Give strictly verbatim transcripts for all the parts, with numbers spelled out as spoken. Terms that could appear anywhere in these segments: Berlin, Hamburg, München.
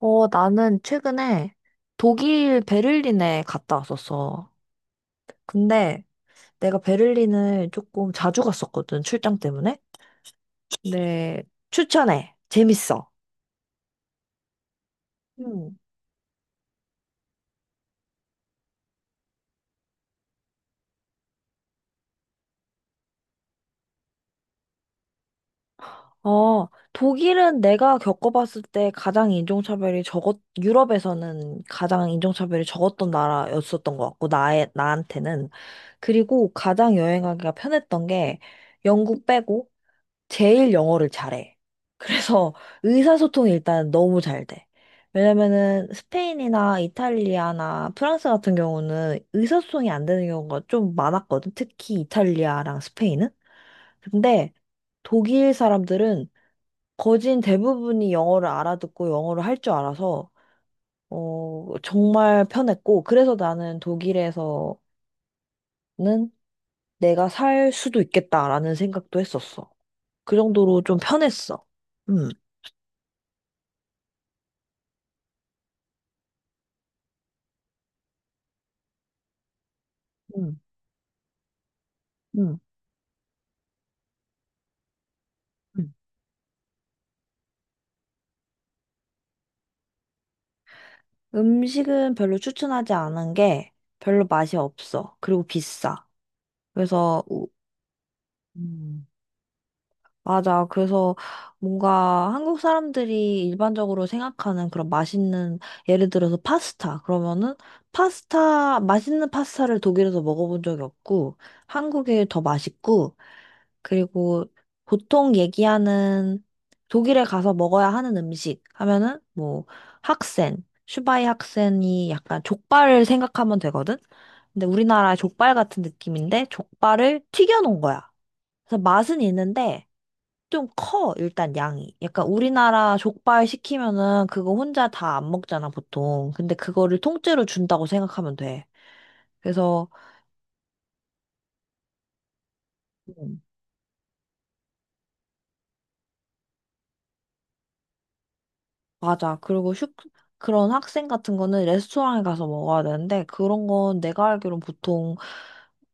어, 나는 최근에 독일 베를린에 갔다 왔었어. 근데 내가 베를린을 조금 자주 갔었거든, 출장 때문에. 네. 추천해. 재밌어. 음. 어, 독일은 내가 겪어봤을 때 가장 인종차별이 적었, 유럽에서는 가장 인종차별이 적었던 나라였었던 것 같고, 나의, 나한테는. 그리고 가장 여행하기가 편했던 게 영국 빼고 제일 영어를 잘해. 그래서 의사소통이 일단 너무 잘 돼. 왜냐면은 스페인이나 이탈리아나 프랑스 같은 경우는 의사소통이 안 되는 경우가 좀 많았거든. 특히 이탈리아랑 스페인은. 근데 독일 사람들은 거진 대부분이 영어를 알아듣고 영어를 할 줄 알아서 어, 정말 편했고 그래서 나는 독일에서는 내가 살 수도 있겠다라는 생각도 했었어. 그 정도로 좀 편했어. 음. 음. 응. 응. 음식은 별로 추천하지 않은 게 별로 맛이 없어. 그리고 비싸. 그래서, 우- 음, 맞아. 그래서 뭔가 한국 사람들이 일반적으로 생각하는 그런 맛있는, 예를 들어서 파스타. 그러면은 파스타, 맛있는 파스타를 독일에서 먹어본 적이 없고, 한국에 더 맛있고, 그리고 보통 얘기하는 독일에 가서 먹어야 하는 음식 하면은 뭐 학센, 슈바이 학센이 약간 족발을 생각하면 되거든? 근데 우리나라 족발 같은 느낌인데 족발을 튀겨놓은 거야. 그래서 맛은 있는데 좀 커, 일단 양이. 약간 우리나라 족발 시키면은 그거 혼자 다 안 먹잖아, 보통. 근데 그거를 통째로 준다고 생각하면 돼. 그래서 음. 맞아. 그리고 슈, 그런 학생 같은 거는 레스토랑에 가서 먹어야 되는데, 그런 건 내가 알기론 보통,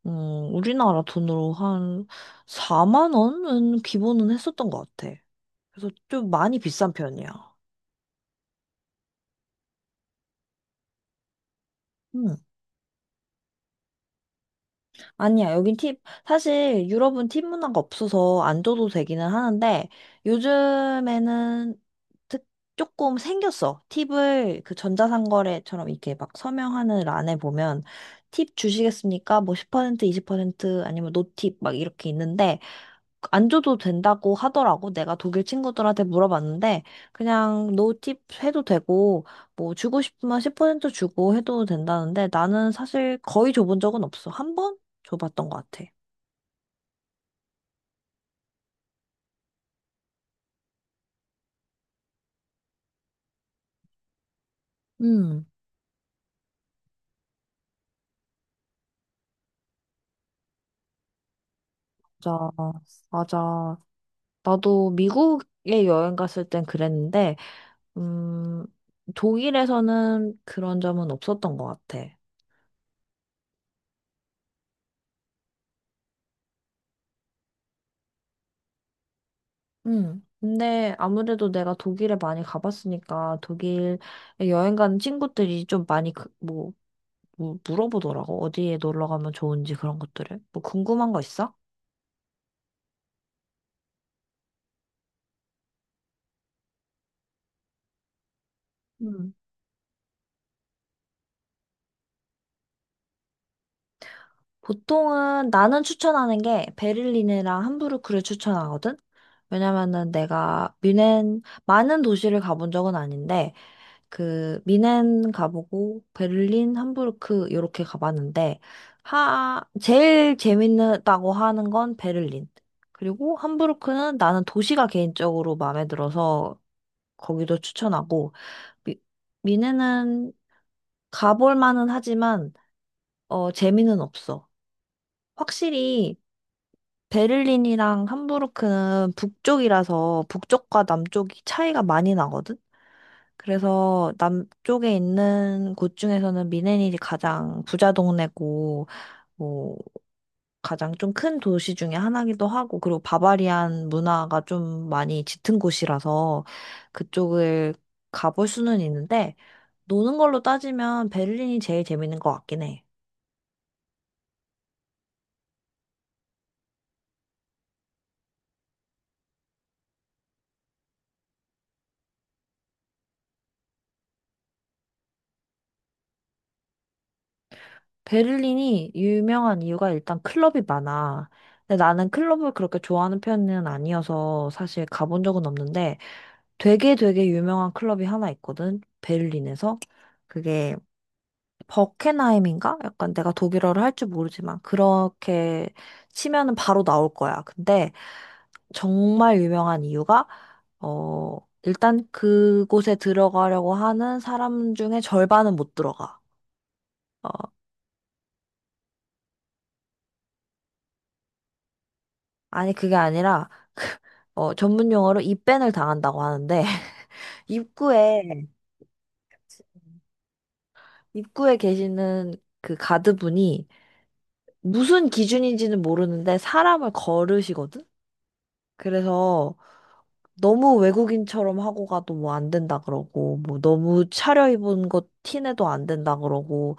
음, 우리나라 돈으로 한 사만 원 원은 기본은 했었던 것 같아. 그래서 좀 많이 비싼 편이야. 음. 아니야, 여긴 팁, 사실 유럽은 팁 문화가 없어서 안 줘도 되기는 하는데, 요즘에는 특, 조금 생겼어. 팁을 그 전자상거래처럼 이렇게 막 서명하는 란에 보면, 팁 주시겠습니까? 뭐 십 퍼센트, 이십 퍼센트, 아니면 노팁 막 이렇게 있는데, 안 줘도 된다고 하더라고. 내가 독일 친구들한테 물어봤는데, 그냥 노팁 해도 되고, 뭐 주고 싶으면 십 퍼센트 주고 해도 된다는데, 나는 사실 거의 줘본 적은 없어. 한 번 줘봤던 것 같아. 음, 맞아, 맞아. 나도 미국에 여행 갔을 땐 그랬는데, 음, 독일에서는 그런 점은 없었던 것 같아. 음. 근데 아무래도 내가 독일에 많이 가봤으니까 독일에 여행 가는 친구들이 좀 많이 그, 뭐, 뭐 물어보더라고. 어디에 놀러 가면 좋은지 그런 것들을. 뭐 궁금한 거 있어? 음. 보통은 나는 추천하는 게 베를린이랑 함부르크를 추천하거든? 왜냐면은 내가 뮌헨 많은 도시를 가본 적은 아닌데 그 미넨 가보고 베를린, 함부르크 이렇게 가봤는데 하 제일 재밌다고 하는 건 베를린. 그리고 함부르크는 나는 도시가 개인적으로 마음에 들어서 거기도 추천하고 미, 미넨은 가볼 만은 하지만 어 재미는 없어. 확실히 베를린이랑 함부르크는 북쪽이라서 북쪽과 남쪽이 차이가 많이 나거든. 그래서 남쪽에 있는 곳 중에서는 미네닐이 가장 부자 동네고, 뭐, 가장 좀 큰 도시 중에 하나기도 하고, 그리고 바바리안 문화가 좀 많이 짙은 곳이라서 그쪽을 가볼 수는 있는데, 노는 걸로 따지면 베를린이 제일 재밌는 것 같긴 해. 베를린이 유명한 이유가 일단 클럽이 많아. 근데 나는 클럽을 그렇게 좋아하는 편은 아니어서 사실 가본 적은 없는데, 되게 되게 유명한 클럽이 하나 있거든. 베를린에서. 그게 버켄하임인가? 약간 내가 독일어를 할 줄 모르지만 그렇게 치면은 바로 나올 거야. 근데 정말 유명한 이유가 어 일단 그곳에 들어가려고 하는 사람 중에 절반은 못 들어가. 어 아니 그게 아니라 어 전문 용어로 입밴을 당한다고 하는데 입구에 입구에 계시는 그 가드분이 무슨 기준인지는 모르는데 사람을 거르시거든? 그래서 너무 외국인처럼 하고 가도 뭐 안 된다 그러고, 뭐 너무 차려입은 것 티내도 안 된다 그러고,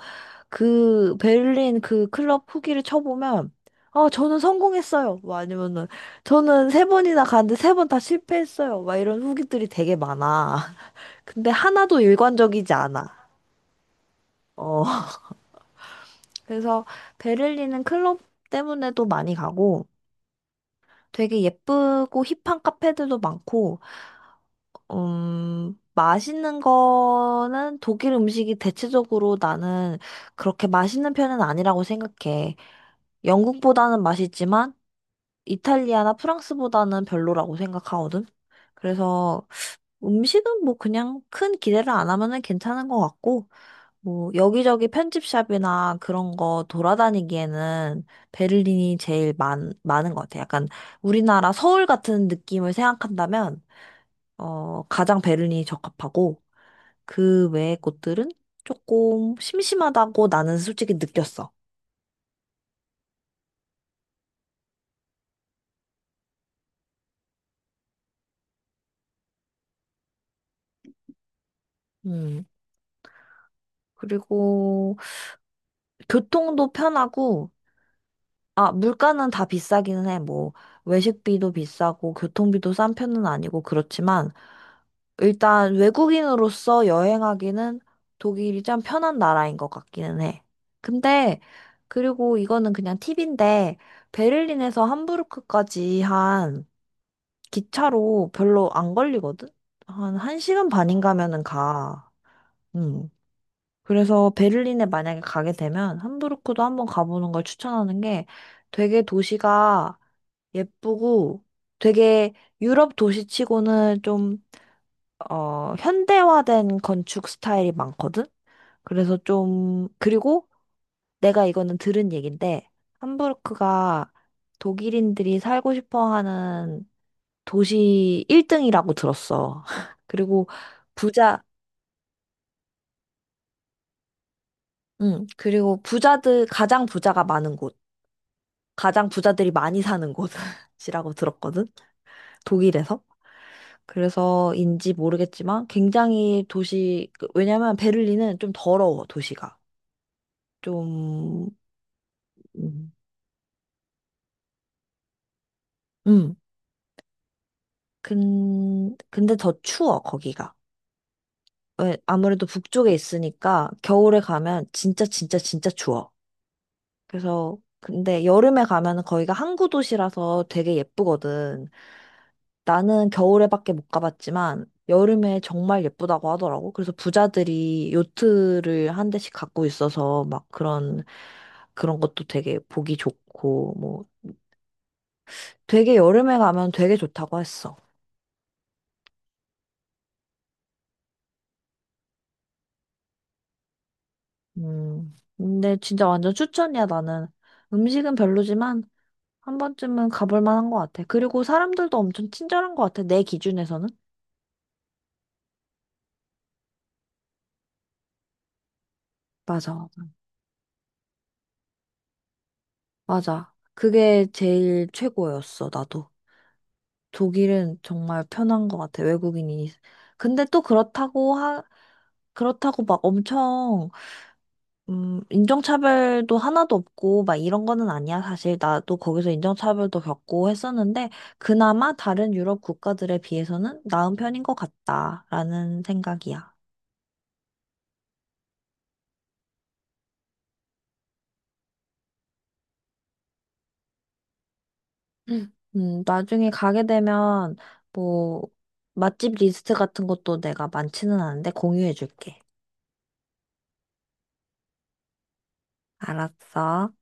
그 베를린 그 클럽 후기를 쳐보면, 아, 저는 성공했어요. 뭐 아니면은, 저는 세 번이나 갔는데 세 번 다 실패했어요. 막 이런 후기들이 되게 많아. 근데 하나도 일관적이지 않아. 어. 그래서 베를린은 클럽 때문에도 많이 가고, 되게 예쁘고 힙한 카페들도 많고, 음, 맛있는 거는 독일 음식이 대체적으로 나는 그렇게 맛있는 편은 아니라고 생각해. 영국보다는 맛있지만 이탈리아나 프랑스보다는 별로라고 생각하거든. 그래서 음식은 뭐 그냥 큰 기대를 안 하면은 괜찮은 것 같고, 뭐, 여기저기 편집샵이나 그런 거 돌아다니기에는 베를린이 제일 많, 많은 것 같아요. 약간 우리나라 서울 같은 느낌을 생각한다면, 어, 가장 베를린이 적합하고, 그 외의 곳들은 조금 심심하다고 나는 솔직히 느꼈어. 음. 그리고 교통도 편하고, 아, 물가는 다 비싸기는 해. 뭐, 외식비도 비싸고, 교통비도 싼 편은 아니고, 그렇지만, 일단 외국인으로서 여행하기는 독일이 참 편한 나라인 것 같기는 해. 근데, 그리고 이거는 그냥 팁인데, 베를린에서 함부르크까지 한 기차로 별로 안 걸리거든? 한 1시간 반인 가면은 가. 음. 그래서 베를린에 만약에 가게 되면 함부르크도 한번 가보는 걸 추천하는 게 되게 도시가 예쁘고 되게 유럽 도시치고는 좀 어, 현대화된 건축 스타일이 많거든? 그래서 좀, 그리고 내가 이거는 들은 얘긴데, 함부르크가 독일인들이 살고 싶어 하는 도시 일 등이라고 들었어. 그리고 부자, 응, 그리고 부자들, 가장 부자가 많은 곳, 가장 부자들이 많이 사는 곳이라고 들었거든? 독일에서. 그래서인지 모르겠지만 굉장히 도시, 그- 왜냐면 베를린은 좀 더러워, 도시가. 좀, 음, 음. 근, 근데 더 추워, 거기가. 왜, 아무래도 북쪽에 있으니까 겨울에 가면 진짜 진짜 진짜 추워. 그래서, 근데 여름에 가면은 거기가 항구 도시라서 되게 예쁘거든. 나는 겨울에밖에 못 가봤지만 여름에 정말 예쁘다고 하더라고. 그래서 부자들이 요트를 한 대씩 갖고 있어서 막 그런, 그런 것도 되게 보기 좋고, 뭐 되게 여름에 가면 되게 좋다고 했어. 음. 근데 진짜 완전 추천이야, 나는. 음식은 별로지만 한 번쯤은 가볼 만한 것 같아. 그리고 사람들도 엄청 친절한 것 같아, 내 기준에서는. 맞아. 맞아. 그게 제일 최고였어, 나도. 독일은 정말 편한 것 같아, 외국인이. 근데 또 그렇다고 하, 그렇다고 막 엄청 음, 인종차별도 하나도 없고, 막 이런 거는 아니야. 사실 나도 거기서 인종차별도 겪고 했었는데, 그나마 다른 유럽 국가들에 비해서는 나은 편인 것 같다라는 생각이야. 응. 음, 음, 나중에 가게 되면, 뭐, 맛집 리스트 같은 것도 내가 많지는 않은데 공유해줄게. 알았어.